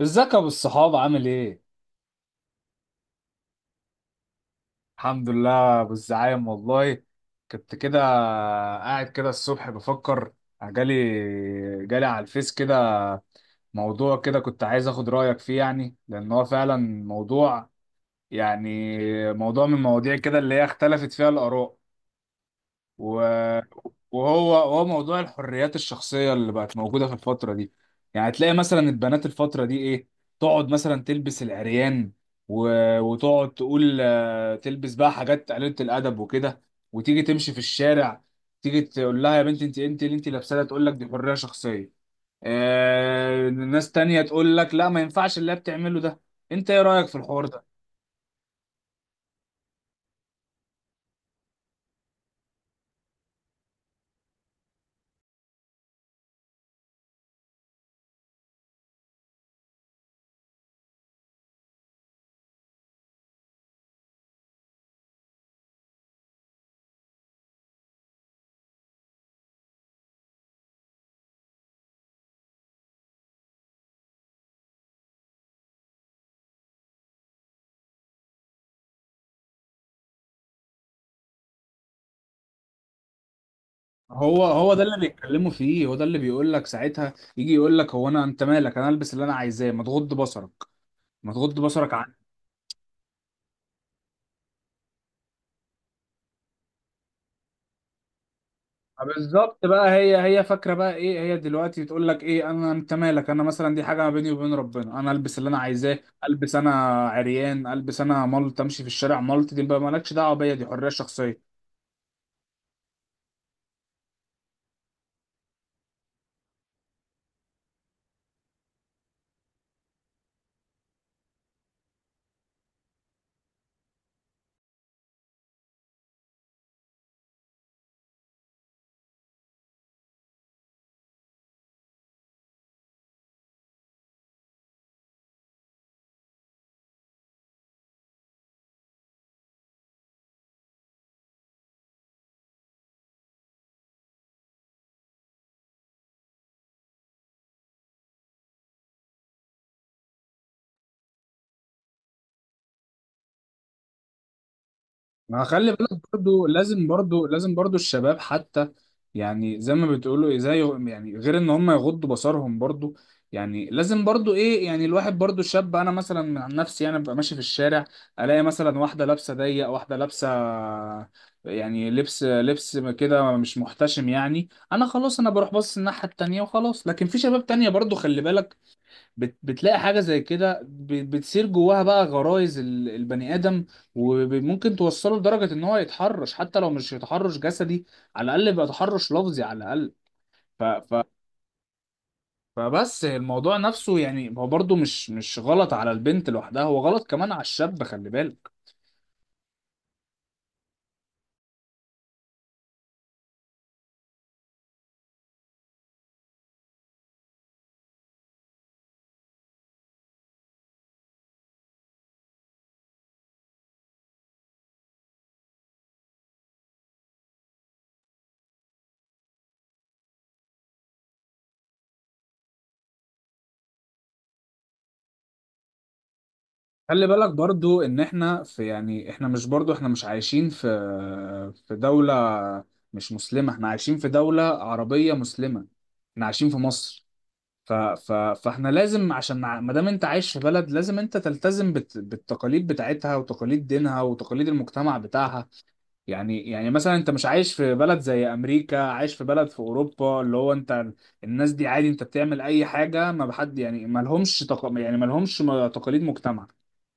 ازيك يا ابو الصحاب عامل ايه؟ الحمد لله ابو الزعايم والله. كنت كده قاعد كده الصبح بفكر، جالي جالي على الفيس كده موضوع كده. كنت عايز اخد رأيك فيه، يعني لان هو فعلا موضوع، يعني موضوع من المواضيع كده اللي هي اختلفت فيها الآراء. و- وهو موضوع الحريات الشخصية اللي بقت موجودة في الفترة دي. يعني تلاقي مثلا البنات الفترة دي ايه، تقعد مثلا تلبس العريان و... وتقعد تقول تلبس بقى حاجات قليلة الأدب وكده، وتيجي تمشي في الشارع، تيجي تقول لها يا بنتي انت اللي انت لابسة ده، تقول لك دي حرية شخصية. ناس تانية تقول لك لا، ما ينفعش اللي هي بتعمله ده. انت ايه رأيك في الحوار ده؟ هو ده اللي بيتكلموا فيه، هو ده اللي بيقول لك ساعتها، يجي يقول لك هو انا انت مالك، انا البس اللي انا عايزاه، ما تغض بصرك، ما تغض بصرك عني. بالظبط بقى. هي فاكره بقى ايه، هي دلوقتي بتقول لك ايه، انا انت مالك، انا مثلا دي حاجه ما بيني وبين ربنا، انا البس اللي انا عايزاه، البس انا عريان، البس انا ملط، امشي في الشارع ملط، دي بقى مالكش دعوه بيا، دي حريه شخصيه. ما خلي بالك برضو، لازم برضو، لازم برضو الشباب حتى، يعني زي ما بتقولوا ايه، زي يعني غير ان هم يغضوا بصرهم برضو، يعني لازم برضو ايه، يعني الواحد برضو الشاب. انا مثلا عن نفسي انا ببقى ماشي في الشارع، الاقي مثلا واحده لابسه ضيق، واحده لابسه يعني لبس كده مش محتشم. يعني انا خلاص انا بروح باصص الناحيه التانيه وخلاص، لكن في شباب تانيه برضو خلي بالك، بتلاقي حاجة زي كده بتصير جواها بقى غرائز البني آدم، وممكن توصله لدرجة إن هو يتحرش، حتى لو مش يتحرش جسدي، على الأقل يبقى تحرش لفظي على الأقل. ف... ف... فبس الموضوع نفسه، يعني هو برضه مش غلط على البنت لوحدها، هو غلط كمان على الشاب، خلي بالك. خلي بالك برضو ان احنا في، يعني احنا مش برضو، احنا مش عايشين في في دولة مش مسلمة، احنا عايشين في دولة عربية مسلمة، احنا عايشين في مصر. فاحنا لازم عشان ما دام انت عايش في بلد، لازم انت تلتزم بالتقاليد بتاعتها وتقاليد دينها وتقاليد المجتمع بتاعها. يعني مثلا انت مش عايش في بلد زي امريكا، عايش في بلد في اوروبا اللي هو انت، الناس دي عادي، انت بتعمل اي حاجه ما بحد، يعني ما لهمش يعني ما لهمش تقاليد مجتمع.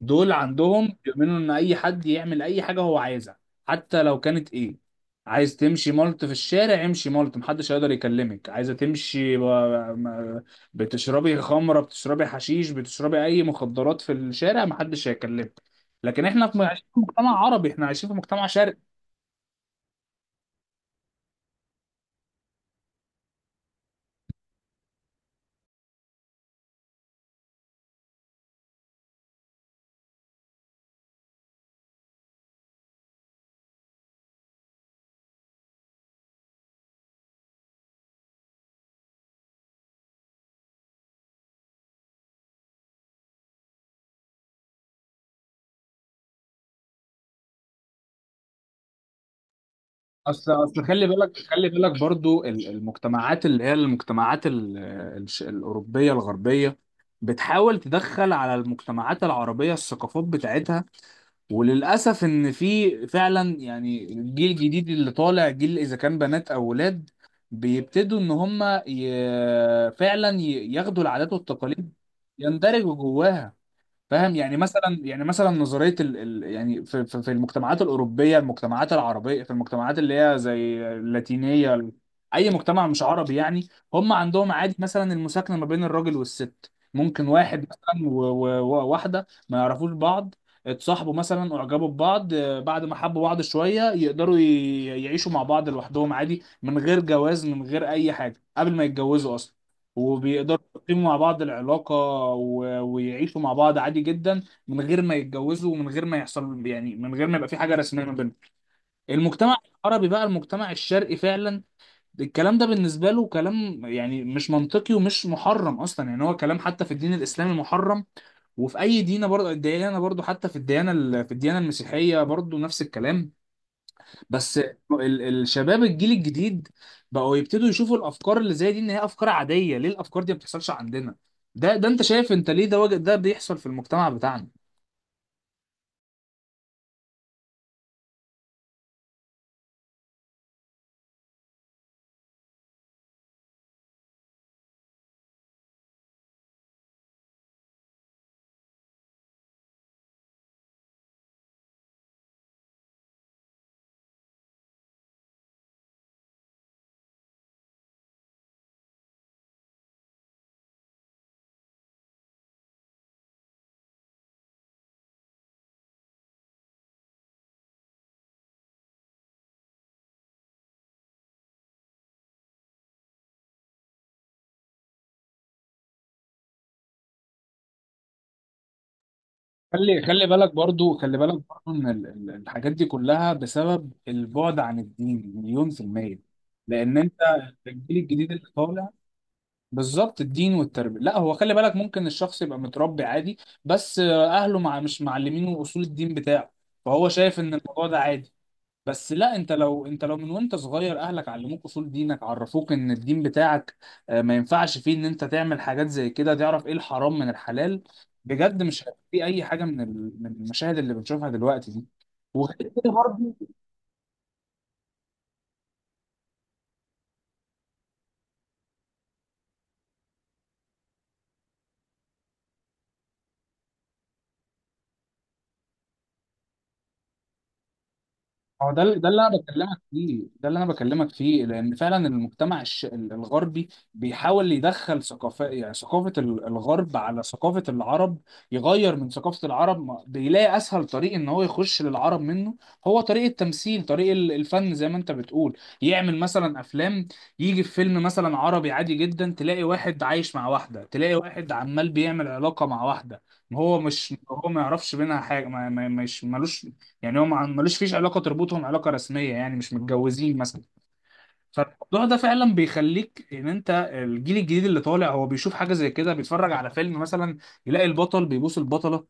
دول عندهم بيؤمنوا ان اي حد يعمل اي حاجه هو عايزها، حتى لو كانت ايه، عايز تمشي ملط في الشارع، امشي ملط، محدش هيقدر يكلمك، عايزه تمشي بتشربي خمره، بتشربي حشيش، بتشربي اي مخدرات في الشارع، محدش هيكلمك. لكن احنا عايشين في مجتمع عربي، احنا عايشين في مجتمع شرقي. اصل خلي بالك، خلي بالك برضو المجتمعات اللي هي المجتمعات الاوروبيه الغربيه بتحاول تدخل على المجتمعات العربيه الثقافات بتاعتها. وللاسف ان في فعلا، يعني الجيل الجديد اللي طالع، جيل اذا كان بنات او ولاد، بيبتدوا ان هم فعلا ياخدوا العادات والتقاليد، يندرجوا جواها. فاهم يعني مثلا، يعني مثلا نظريه ال ال يعني في المجتمعات الاوروبيه، المجتمعات العربيه، في المجتمعات اللي هي زي اللاتينيه، اي مجتمع مش عربي يعني. هم عندهم عادي مثلا المساكنه ما بين الراجل والست، ممكن واحد مثلا وواحده ما يعرفوش بعض، اتصاحبوا مثلا، اعجبوا ببعض، بعد ما حبوا بعض شويه، يقدروا يعيشوا مع بعض لوحدهم عادي، من غير جواز، من غير اي حاجه قبل ما يتجوزوا اصلا، وبيقدروا يقيموا مع بعض العلاقة، ويعيشوا مع بعض عادي جدا من غير ما يتجوزوا، ومن غير ما يحصل يعني، من غير ما يبقى في حاجة رسمية ما بينهم. المجتمع العربي بقى، المجتمع الشرقي فعلا، الكلام ده بالنسبة له كلام يعني مش منطقي ومش محرم أصلا، يعني هو كلام حتى في الدين الإسلامي محرم، وفي أي دينة برضه، الديانة برضه حتى في الديانة في الديانة المسيحية برضه نفس الكلام. بس الشباب الجيل الجديد بقوا يبتدوا يشوفوا الافكار اللي زي دي ان هي افكار عاديه. ليه الافكار دي ما بتحصلش عندنا؟ ده انت شايف انت ليه ده ده بيحصل في المجتمع بتاعنا؟ خلي بالك برضو، خلي بالك برضو ان الحاجات دي كلها بسبب البعد عن الدين مليون في المية. لان انت الجيل الجديد اللي طالع، بالظبط الدين والتربية. لا هو خلي بالك ممكن الشخص يبقى متربي عادي، بس اهله مش معلمينه اصول الدين بتاعه، فهو شايف ان الموضوع ده عادي. بس لا، انت لو انت من وانت صغير اهلك علموك اصول دينك، عرفوك ان الدين بتاعك ما ينفعش فيه ان انت تعمل حاجات زي كده، تعرف ايه الحرام من الحلال، بجد مش هيبقى في اي حاجه من من المشاهد اللي بنشوفها دلوقتي دي. وغير كده برضه، هو ده اللي انا بكلمك فيه، ده اللي انا بكلمك فيه، لان فعلا المجتمع الغربي بيحاول يدخل ثقافه، يعني ثقافه الغرب على ثقافه العرب، يغير من ثقافه العرب. بيلاقي اسهل طريق ان هو يخش للعرب منه، هو طريق التمثيل، طريق الفن، زي ما انت بتقول، يعمل مثلا افلام. يجي في فيلم مثلا عربي عادي جدا، تلاقي واحد عايش مع واحده، تلاقي واحد عمال بيعمل علاقه مع واحده، هو مش هو ما يعرفش بينها حاجه، مش ملوش، يعني هو ملوش فيش علاقه تربطهم علاقه رسميه، يعني مش متجوزين مثلا. فالموضوع ده فعلا بيخليك ان انت الجيل الجديد اللي طالع، هو بيشوف حاجه زي كده، بيتفرج على فيلم مثلا، يلاقي البطل بيبوس البطله،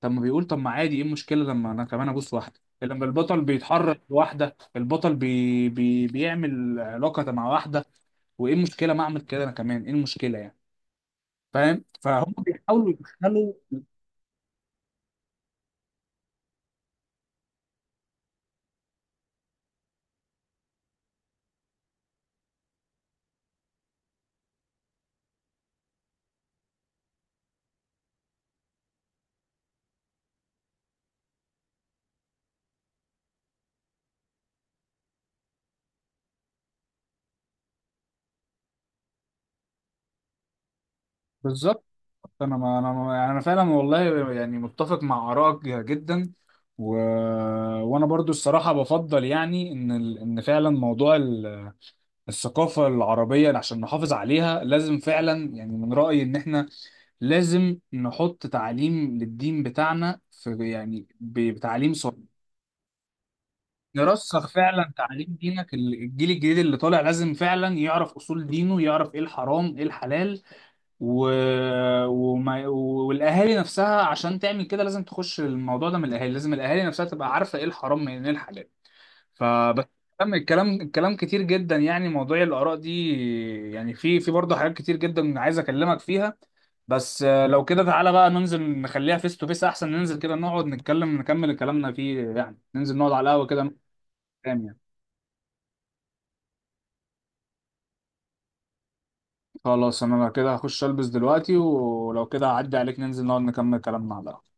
طب ما بيقول طب ما عادي، ايه المشكله لما انا كمان ابوس واحده، لما البطل بيتحرك لواحده، البطل بي بي بيعمل علاقه مع واحده، وايه المشكله ما اعمل كده انا كمان، ايه المشكله يعني؟ فاهم، فهم بيحاولوا يدخلوا بالظبط. انا ما يعني انا فعلا والله يعني متفق مع ارائك جدا، و... وانا برضو الصراحه بفضل يعني ان ان فعلا موضوع الثقافه العربيه، عشان نحافظ عليها لازم فعلا، يعني من رايي ان احنا لازم نحط تعليم للدين بتاعنا في، يعني بتعليم صلب. نرسخ فعلا تعليم دينك، الجيل الجديد اللي طالع لازم فعلا يعرف اصول دينه، يعرف ايه الحرام ايه الحلال، و... والاهالي نفسها عشان تعمل كده لازم تخش الموضوع ده من الاهالي، لازم الاهالي نفسها تبقى عارفه ايه الحرام من ايه الحلال. فبس الكلام الكلام كتير جدا يعني، موضوع الآراء دي يعني، في برضه حاجات كتير جدا عايز أكلمك فيها. بس لو كده تعالى بقى ننزل نخليها فيس تو فيس أحسن، ننزل كده نقعد نتكلم نكمل كلامنا فيه، يعني ننزل نقعد على القهوة كده نتكلم يعني. خلاص أنا كده هخش ألبس دلوقتي، ولو كده هعدي عليك، ننزل نقعد نكمل كلامنا على القهوة.